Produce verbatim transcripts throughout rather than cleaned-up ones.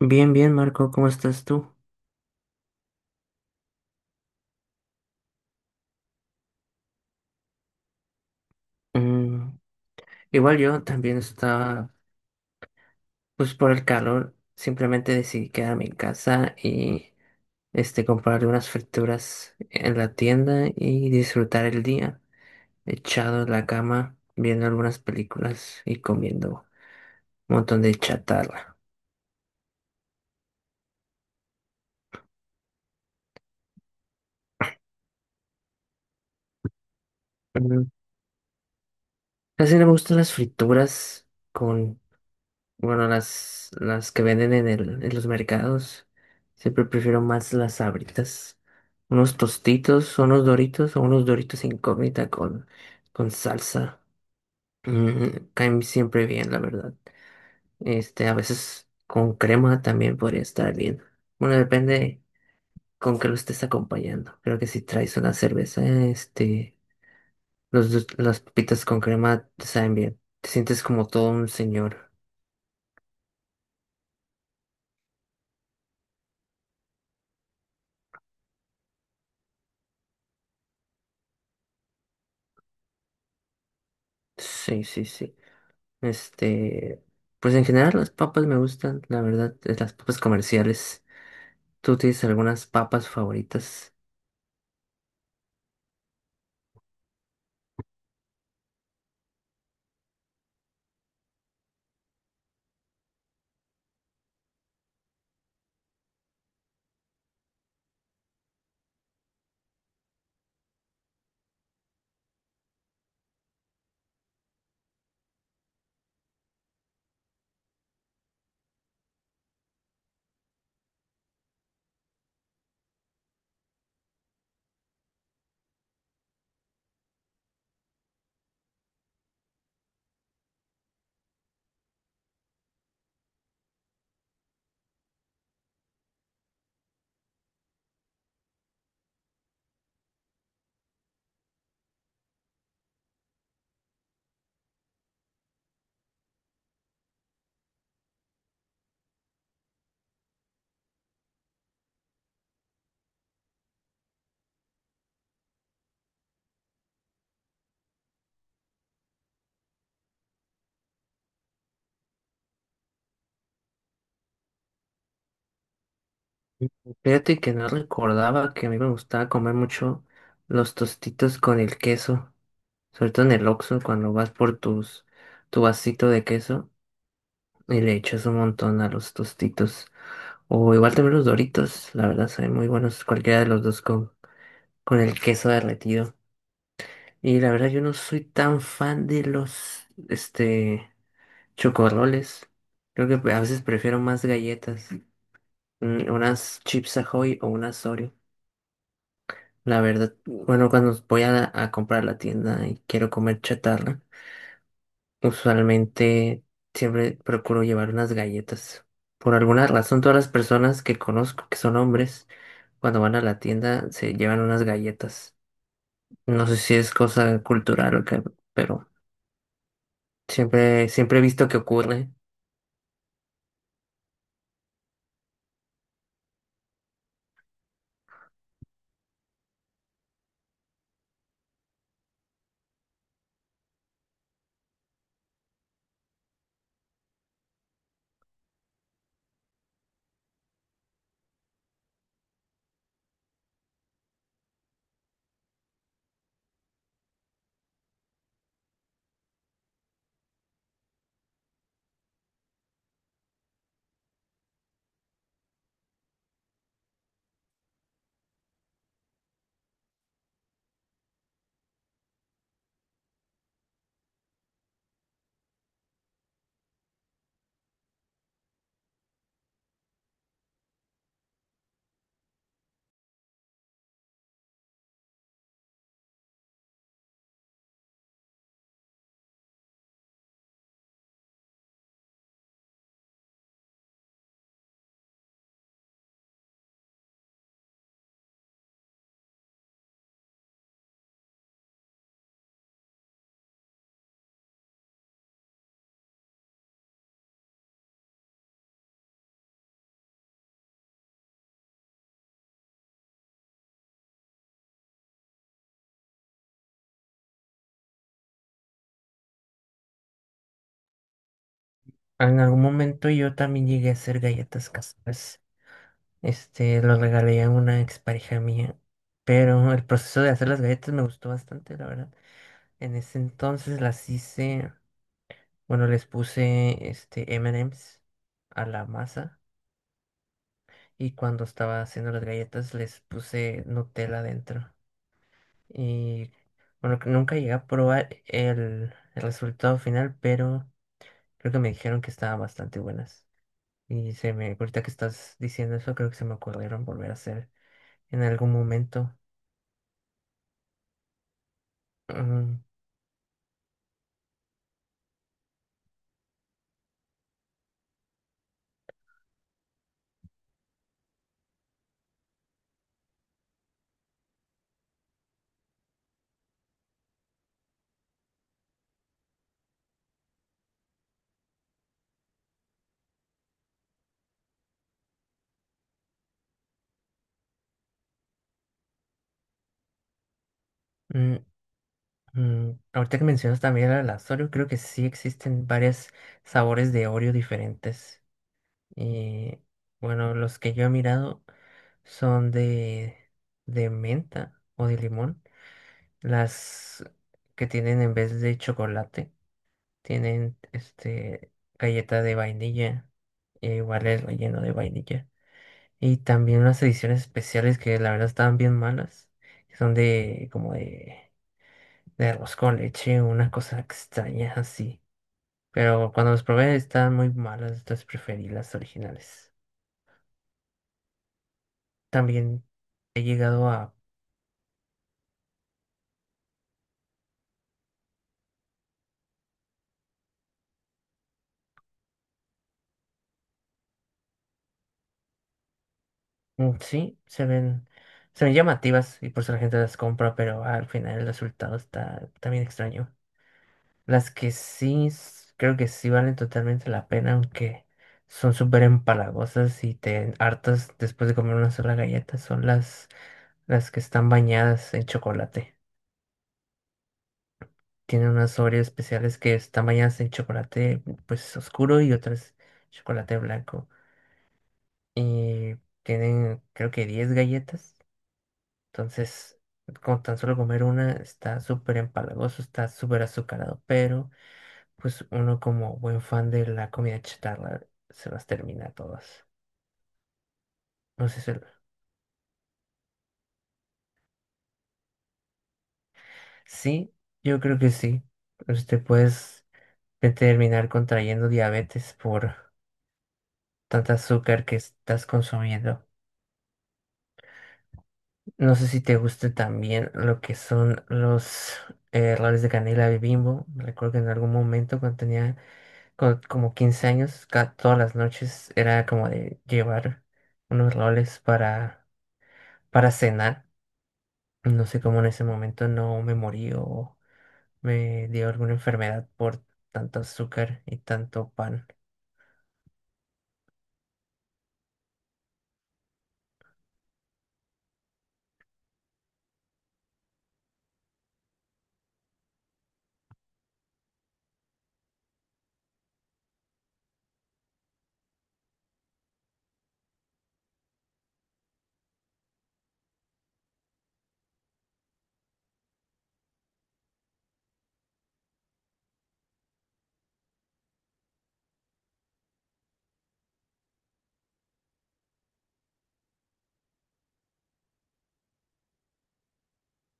Bien, bien, Marco, ¿cómo estás tú? Mm, Igual yo también estaba, pues por el calor, simplemente decidí quedarme en casa y este, comprar unas frituras en la tienda y disfrutar el día, echado en la cama, viendo algunas películas y comiendo un montón de chatarra. Mm, Casi no me gustan las frituras con bueno, las, las que venden en el, en los mercados. Siempre prefiero más las Sabritas. Unos tostitos, unos doritos o unos doritos incógnita con, con salsa. Mm, caen siempre bien, la verdad. Este, a veces con crema también podría estar bien. Bueno, depende con qué lo estés acompañando. Creo que si traes una cerveza, este, los, dos- las papitas con crema te saben bien. Te sientes como todo un señor. Sí, sí, sí. Este, pues en general las papas me gustan, la verdad, eh, las papas comerciales. ¿Tú tienes algunas papas favoritas? Fíjate que no recordaba que a mí me gustaba comer mucho los tostitos con el queso, sobre todo en el Oxxo cuando vas por tus tu vasito de queso y le echas un montón a los tostitos. O igual también los Doritos, la verdad son muy buenos cualquiera de los dos con, con el queso derretido. Y la verdad yo no soy tan fan de los este chocorroles. Creo que a veces prefiero más galletas, mm, unas Chips Ahoy o unas Oreo. La verdad, bueno, cuando voy a, a comprar a la tienda y quiero comer chatarra, usualmente siempre procuro llevar unas galletas. Por alguna razón, todas las personas que conozco que son hombres, cuando van a la tienda se llevan unas galletas. No sé si es cosa cultural o qué, pero siempre, siempre he visto que ocurre. En algún momento yo también llegué a hacer galletas caseras. Este, lo regalé a una expareja mía. Pero el proceso de hacer las galletas me gustó bastante, la verdad. En ese entonces las hice, bueno, les puse este M and M's a la masa y cuando estaba haciendo las galletas les puse Nutella dentro. Y bueno, que nunca llegué a probar el, el resultado final, pero creo que me dijeron que estaban bastante buenas. Y se me, ahorita que estás diciendo eso, creo que se me ocurrieron volver a hacer en algún momento. mm, Mm, mm, Ahorita que mencionas también el Oreo, creo que sí existen varios sabores de Oreo diferentes. Y bueno, los que yo he mirado son de, de menta o de limón. Las que tienen en vez de chocolate, tienen este galleta de vainilla, e igual es relleno de vainilla. Y también unas ediciones especiales que la verdad estaban bien malas, que son de como de de arroz con leche, una cosa extraña así. Pero cuando las probé estaban muy malas, entonces preferí las originales. También he llegado a... mm, Sí, se ven, se ven llamativas y por eso la gente las compra, pero al final el resultado está también extraño. Las que sí, s- creo que sí valen totalmente la pena, aunque son súper empalagosas y te hartas después de comer una sola galleta, son las, las que están bañadas en chocolate. Tiene unas Oreos especiales que están bañadas en chocolate pues oscuro y otras chocolate blanco. Y tienen creo que diez galletas. Entonces, con tan solo comer una está súper empalagoso, está súper azucarado. Pero pues uno como buen fan de la comida chatarra se las termina todas. No sé si... Sí, yo creo que sí. Usted puedes terminar contrayendo diabetes por tanta azúcar que estás consumiendo. No sé si te gusta también lo que son los eh, roles de canela de Bimbo. Recuerdo que en algún momento cuando tenía co- como quince años, ca- todas las noches era como de llevar unos roles para, para cenar. No sé cómo en ese momento no me morí o me dio alguna enfermedad por tanto azúcar y tanto pan.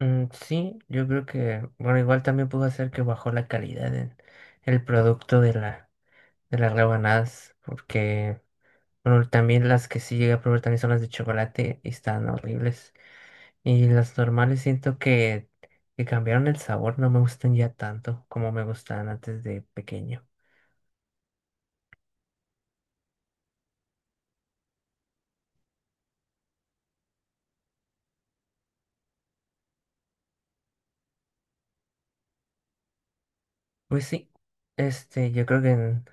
Mm, sí, yo creo que, bueno, igual también pudo hacer que bajó la calidad en el producto de la de las rebanadas, porque pero también las que sí llegué a probar también son las de chocolate y están horribles. Y las normales siento que, que cambiaron el sabor, no me gustan ya tanto como me gustaban antes de pequeño. Pues sí, este, yo creo que en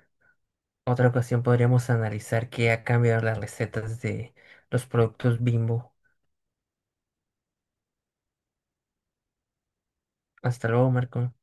otra ocasión podríamos analizar qué ha cambiado las recetas de los productos Bimbo. Hasta luego, Marco.